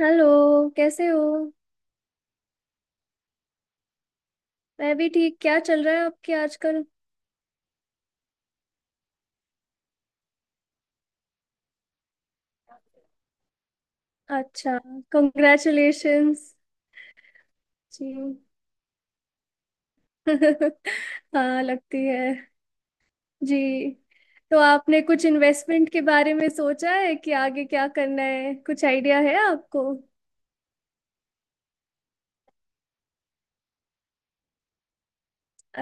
Hello, कैसे हो। मैं भी ठीक। क्या चल रहा है आपके आजकल। अच्छा। कंग्रेचुलेशंस। जी। हाँ, लगती है। जी। तो आपने कुछ इन्वेस्टमेंट के बारे में सोचा है कि आगे क्या करना है, कुछ आइडिया है आपको।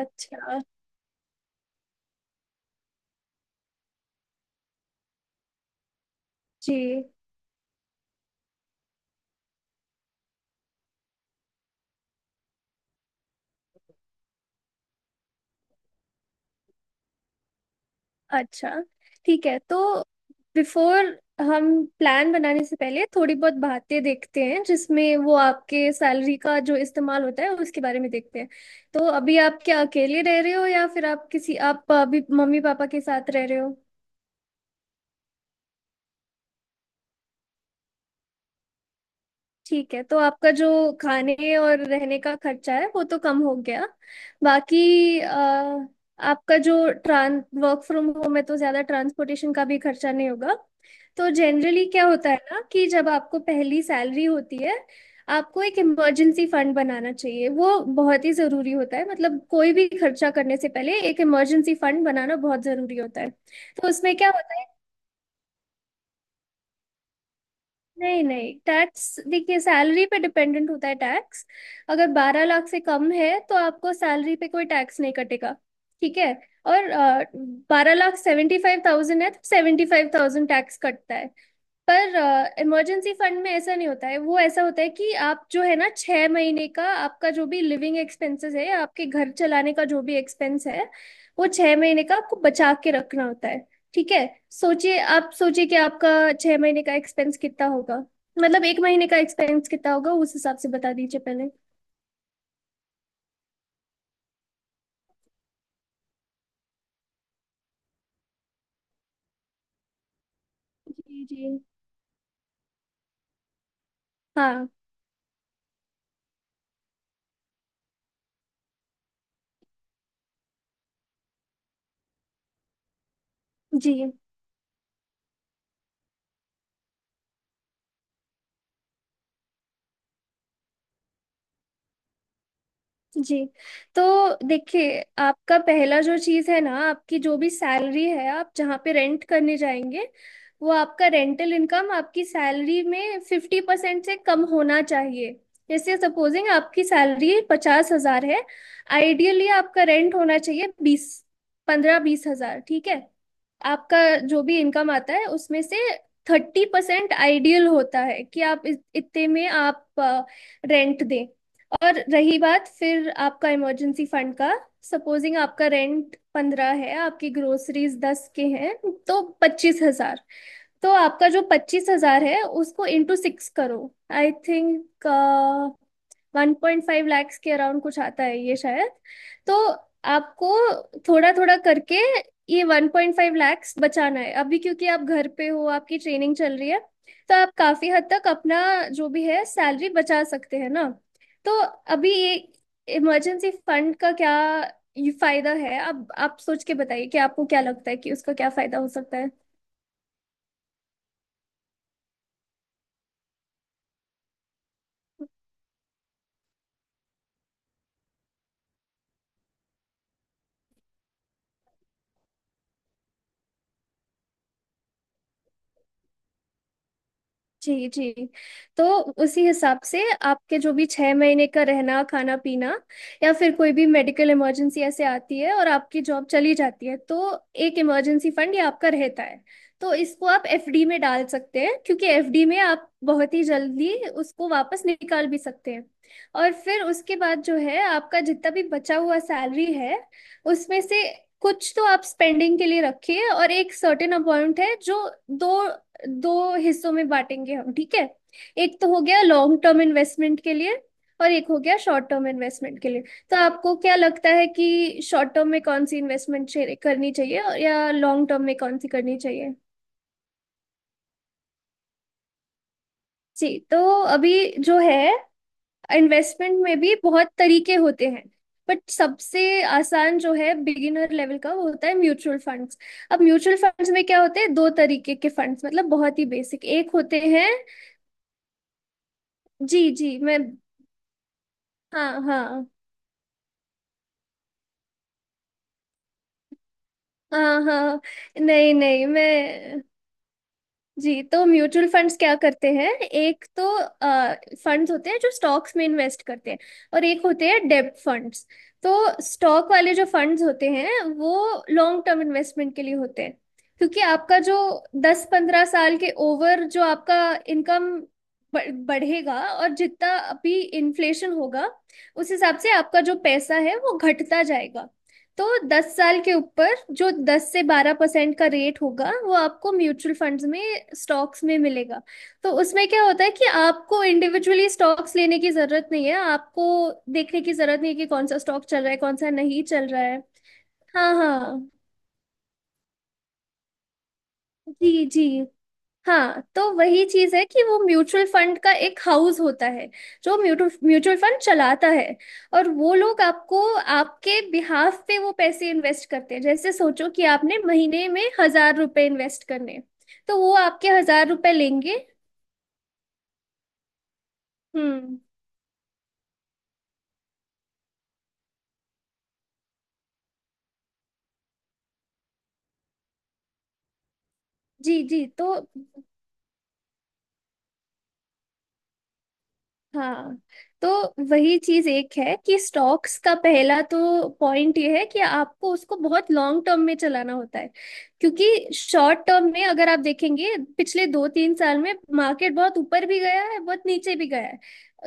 अच्छा। जी। अच्छा, ठीक है। तो बिफोर, हम प्लान बनाने से पहले थोड़ी बहुत बातें देखते हैं जिसमें वो आपके सैलरी का जो इस्तेमाल होता है उसके बारे में देखते हैं। तो अभी आप क्या अकेले रह रहे हो या फिर आप अभी मम्मी पापा के साथ रह रहे हो। ठीक है। तो आपका जो खाने और रहने का खर्चा है वो तो कम हो गया। बाकी आपका जो ट्रां वर्क फ्रॉम होम है तो ज़्यादा ट्रांसपोर्टेशन का भी खर्चा नहीं होगा। तो जनरली क्या होता है ना कि जब आपको पहली सैलरी होती है, आपको एक इमरजेंसी फंड बनाना चाहिए। वो बहुत ही ज़रूरी होता है, मतलब कोई भी खर्चा करने से पहले एक इमरजेंसी फंड बनाना बहुत ज़रूरी होता है। तो उसमें क्या होता है, नहीं नहीं, टैक्स देखिए सैलरी पे डिपेंडेंट होता है टैक्स। अगर 12 लाख से कम है तो आपको सैलरी पे कोई टैक्स नहीं कटेगा, ठीक है। और 12 लाख 75,000 है तो 75,000 टैक्स कटता है। पर इमरजेंसी फंड में ऐसा नहीं होता है। वो ऐसा होता है कि आप जो है ना, 6 महीने का आपका जो भी लिविंग एक्सपेंसेस है, आपके घर चलाने का जो भी एक्सपेंस है, वो 6 महीने का आपको बचा के रखना होता है, ठीक है। सोचिए, आप सोचिए कि आपका 6 महीने का एक्सपेंस कितना होगा, मतलब एक महीने का एक्सपेंस कितना होगा, उस हिसाब से बता दीजिए पहले। जी जी। हाँ। जी जी। तो देखिए, आपका पहला जो चीज़ है ना, आपकी जो भी सैलरी है, आप जहाँ पे रेंट करने जाएंगे, वो आपका रेंटल इनकम आपकी सैलरी में 50% से कम होना चाहिए। जैसे सपोजिंग आपकी सैलरी 50,000 है, आइडियली आपका रेंट होना चाहिए बीस 15-20 हजार, ठीक है। आपका जो भी इनकम आता है उसमें से 30% आइडियल होता है कि आप इतने में आप रेंट दें। और रही बात फिर आपका इमरजेंसी फंड का। सपोजिंग आपका रेंट 15 है, आपकी ग्रोसरीज 10 के हैं, तो 25,000। तो आपका जो 25,000 है उसको इंटू 6 करो। आई थिंक 1.5 लाख के अराउंड कुछ आता है ये शायद। तो आपको थोड़ा थोड़ा करके ये 1.5 लाख बचाना है अभी, क्योंकि आप घर पे हो, आपकी ट्रेनिंग चल रही है, तो आप काफी हद तक अपना जो भी है सैलरी बचा सकते हैं ना। तो अभी ये इमरजेंसी फंड का क्या ये फायदा है, अब आप सोच के बताइए कि आपको क्या लगता है कि उसका क्या फायदा हो सकता है। जी जी। तो उसी हिसाब से, आपके जो भी 6 महीने का रहना, खाना पीना, या फिर कोई भी मेडिकल इमरजेंसी ऐसे आती है और आपकी जॉब चली जाती है, तो एक इमरजेंसी फंड ये आपका रहता है। तो इसको आप एफडी में डाल सकते हैं, क्योंकि एफडी में आप बहुत ही जल्दी उसको वापस निकाल भी सकते हैं। और फिर उसके बाद जो है आपका जितना भी बचा हुआ सैलरी है उसमें से कुछ तो आप स्पेंडिंग के लिए रखिए, और एक सर्टेन अमाउंट है जो दो दो हिस्सों में बांटेंगे हम, ठीक है। एक तो हो गया लॉन्ग टर्म इन्वेस्टमेंट के लिए, और एक हो गया शॉर्ट टर्म इन्वेस्टमेंट के लिए। तो आपको क्या लगता है कि शॉर्ट टर्म में कौन सी इन्वेस्टमेंट करनी चाहिए, और या लॉन्ग टर्म में कौन सी करनी चाहिए। जी, तो अभी जो है इन्वेस्टमेंट में भी बहुत तरीके होते हैं, बट सबसे आसान जो है बिगिनर लेवल का वो होता है म्यूचुअल फंड्स। अब म्यूचुअल फंड्स में क्या होते हैं, दो तरीके के फंड्स, मतलब बहुत ही बेसिक, एक होते हैं, जी जी, मैं, हाँ हाँ, हाँ हाँ, नहीं नहीं, मैं, जी, तो म्यूचुअल फंड्स क्या करते हैं, एक तो फंड्स होते हैं जो स्टॉक्स में इन्वेस्ट करते हैं, और एक होते हैं डेब्ट फंड्स। तो स्टॉक वाले जो फंड्स होते हैं वो लॉन्ग टर्म इन्वेस्टमेंट के लिए होते हैं। क्योंकि आपका जो 10-15 साल के ओवर जो आपका इनकम बढ़ेगा, और जितना अभी इन्फ्लेशन होगा उस हिसाब से आपका जो पैसा है वो घटता जाएगा। तो 10 साल के ऊपर जो 10 से 12% का रेट होगा वो आपको म्यूचुअल फंड्स में, स्टॉक्स में मिलेगा। तो उसमें क्या होता है कि आपको इंडिविजुअली स्टॉक्स लेने की जरूरत नहीं है, आपको देखने की जरूरत नहीं है कि कौन सा स्टॉक चल रहा है कौन सा नहीं चल रहा है। हाँ हाँ। जी जी। हाँ, तो वही चीज है कि वो म्यूचुअल फंड का एक हाउस होता है जो म्यूचुअल फंड चलाता है, और वो लोग आपको, आपके बिहाफ पे वो पैसे इन्वेस्ट करते हैं। जैसे सोचो कि आपने महीने में 1,000 रुपए इन्वेस्ट करने, तो वो आपके 1,000 रुपए लेंगे। हम्म। जी जी। तो हाँ, तो वही चीज एक है कि स्टॉक्स का पहला तो पॉइंट ये है कि आपको उसको बहुत लॉन्ग टर्म में चलाना होता है। क्योंकि शॉर्ट टर्म में, अगर आप देखेंगे, पिछले 2-3 साल में मार्केट बहुत ऊपर भी गया है, बहुत नीचे भी गया है।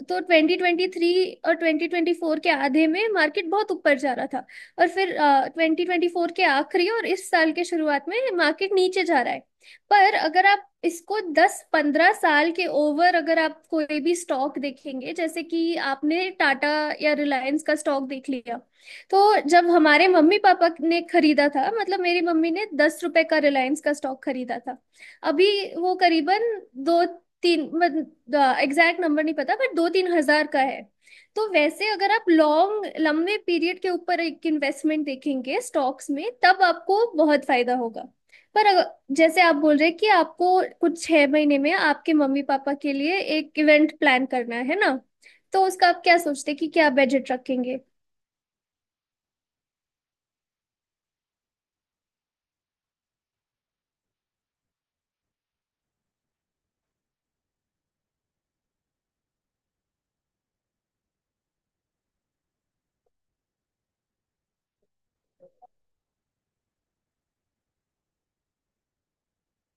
तो 2023 और 2024 के आधे में मार्केट बहुत ऊपर जा रहा था, और फिर 2024 के आखिरी और इस साल के शुरुआत में मार्केट नीचे जा रहा है। पर अगर आप इसको 10-15 साल के ओवर, अगर आप कोई भी स्टॉक देखेंगे, जैसे कि आपने टाटा या रिलायंस का स्टॉक देख लिया, तो जब हमारे मम्मी पापा ने खरीदा था, मतलब मेरी मम्मी ने 10 रुपए का रिलायंस का स्टॉक खरीदा था, अभी वो करीबन दो तीन, एग्जैक्ट नंबर नहीं पता बट 2-3 हजार का है। तो वैसे अगर आप लॉन्ग, लंबे पीरियड के ऊपर एक इन्वेस्टमेंट देखेंगे स्टॉक्स में, तब आपको बहुत फायदा होगा। पर जैसे आप बोल रहे हैं कि आपको कुछ 6 महीने में आपके मम्मी पापा के लिए एक इवेंट प्लान करना है ना, तो उसका आप क्या सोचते हैं कि क्या बजट रखेंगे।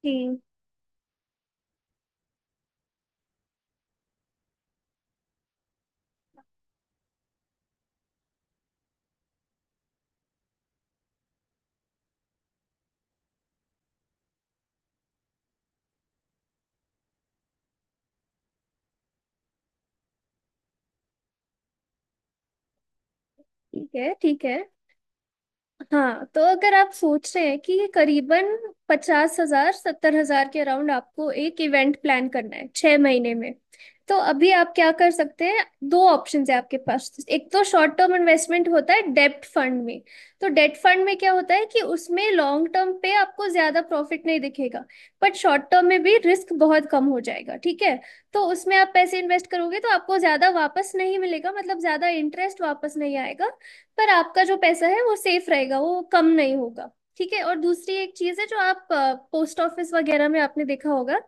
ठीक ठीक है। ठीक है, हाँ। तो अगर आप सोच रहे हैं कि ये करीबन 50,000-70,000 के अराउंड आपको एक इवेंट प्लान करना है 6 महीने में, तो अभी आप क्या कर सकते हैं, दो ऑप्शंस है आपके पास। एक तो शॉर्ट टर्म इन्वेस्टमेंट होता है डेब्ट फंड में। तो डेब्ट फंड में क्या होता है कि उसमें लॉन्ग टर्म पे आपको ज्यादा प्रॉफिट नहीं दिखेगा, बट शॉर्ट टर्म में भी रिस्क बहुत कम हो जाएगा, ठीक है। तो उसमें आप पैसे इन्वेस्ट करोगे तो आपको ज्यादा वापस नहीं मिलेगा, मतलब ज्यादा इंटरेस्ट वापस नहीं आएगा, पर आपका जो पैसा है वो सेफ रहेगा, वो कम नहीं होगा, ठीक है। और दूसरी एक चीज है जो आप पोस्ट ऑफिस वगैरह में आपने देखा होगा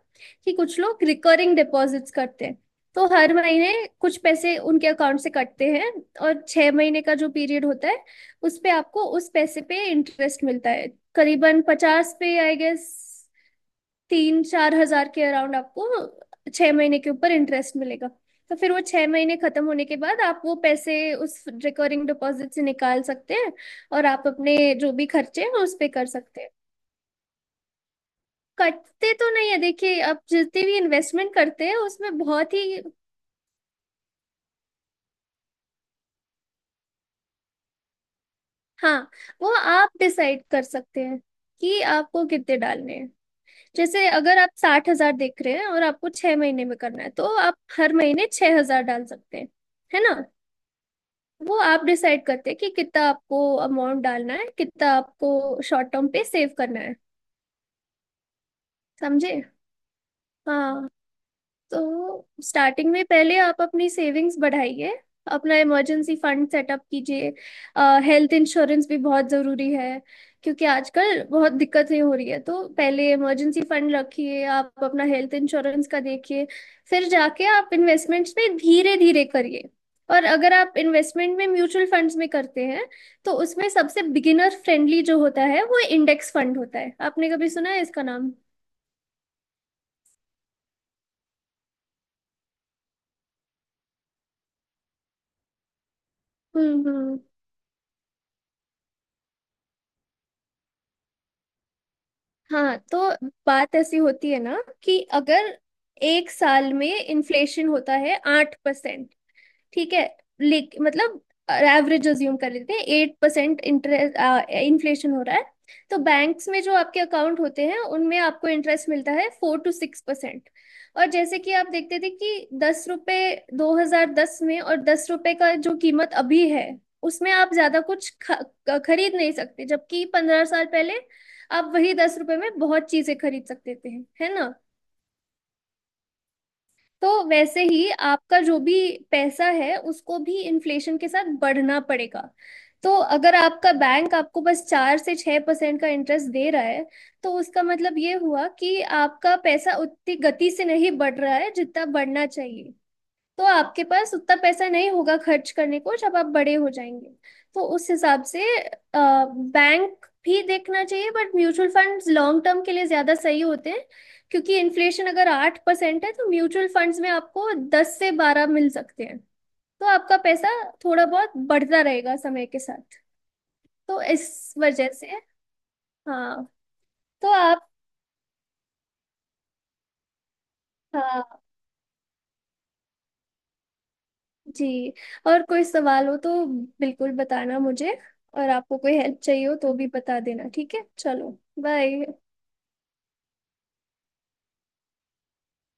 कि कुछ लोग रिकरिंग डिपॉजिट्स करते हैं। तो हर महीने कुछ पैसे उनके अकाउंट से कटते हैं, और 6 महीने का जो पीरियड होता है उस पे आपको उस पैसे पे इंटरेस्ट मिलता है। करीबन पचास पे आई गेस, 3-4 हजार के अराउंड आपको 6 महीने के ऊपर इंटरेस्ट मिलेगा। तो फिर वो 6 महीने खत्म होने के बाद आप वो पैसे उस रिकरिंग डिपॉजिट से निकाल सकते हैं, और आप अपने जो भी खर्चे हैं उस पे कर सकते हैं। कटते तो नहीं है, देखिए आप जितनी भी इन्वेस्टमेंट करते हैं उसमें बहुत ही, हाँ, वो आप डिसाइड कर सकते हैं कि आपको कितने डालने हैं। जैसे अगर आप 60,000 देख रहे हैं और आपको 6 महीने में करना है तो आप हर महीने 6,000 डाल सकते हैं, है ना। वो आप डिसाइड करते हैं कि कितना आपको अमाउंट डालना है, कितना आपको शॉर्ट टर्म पे सेव करना है। समझे। हाँ, तो स्टार्टिंग में पहले आप अपनी सेविंग्स बढ़ाइए, अपना इमरजेंसी फंड सेटअप कीजिए। हेल्थ इंश्योरेंस भी बहुत ज़रूरी है, क्योंकि आजकल बहुत दिक्कतें हो रही है, तो पहले इमरजेंसी फंड रखिए, आप अपना हेल्थ इंश्योरेंस का देखिए। फिर जाके आप इन्वेस्टमेंट्स में धीरे धीरे करिए। और अगर आप इन्वेस्टमेंट में म्यूचुअल फंड्स में करते हैं, तो उसमें सबसे बिगिनर फ्रेंडली जो होता है वो इंडेक्स फंड होता है, आपने कभी सुना है इसका नाम। हम्म। हाँ, तो बात ऐसी होती है ना कि अगर एक साल में इन्फ्लेशन होता है 8%, ठीक है, लेक मतलब एवरेज अज्यूम कर लेते हैं 8%, इंटरेस्ट, इन्फ्लेशन हो रहा है, तो बैंक्स में जो आपके अकाउंट होते हैं उनमें आपको इंटरेस्ट मिलता है 4 से 6%। और जैसे कि आप देखते थे कि 10 रुपए, 2010 में, और 10 रुपए का जो कीमत अभी है, उसमें आप ज्यादा कुछ खरीद नहीं सकते, जबकि 15 साल पहले आप वही 10 रुपए में बहुत चीजें खरीद सकते थे, है ना। तो वैसे ही आपका जो भी पैसा है उसको भी इन्फ्लेशन के साथ बढ़ना पड़ेगा। तो अगर आपका बैंक आपको बस 4 से 6% का इंटरेस्ट दे रहा है, तो उसका मतलब ये हुआ कि आपका पैसा उतनी गति से नहीं बढ़ रहा है जितना बढ़ना चाहिए। तो आपके पास उतना पैसा नहीं होगा खर्च करने को जब आप बड़े हो जाएंगे। तो उस हिसाब से बैंक भी देखना चाहिए, but mutual funds long term के लिए ज्यादा सही होते हैं, क्योंकि इन्फ्लेशन अगर 8% है तो म्यूचुअल फंड्स में आपको 10 से 12 मिल सकते हैं। तो आपका पैसा थोड़ा बहुत बढ़ता रहेगा समय के साथ। तो इस वजह से, हाँ, तो आप, हाँ। जी, और कोई सवाल हो तो बिल्कुल बताना मुझे, और आपको कोई हेल्प चाहिए हो तो भी बता देना, ठीक है। चलो, बाय।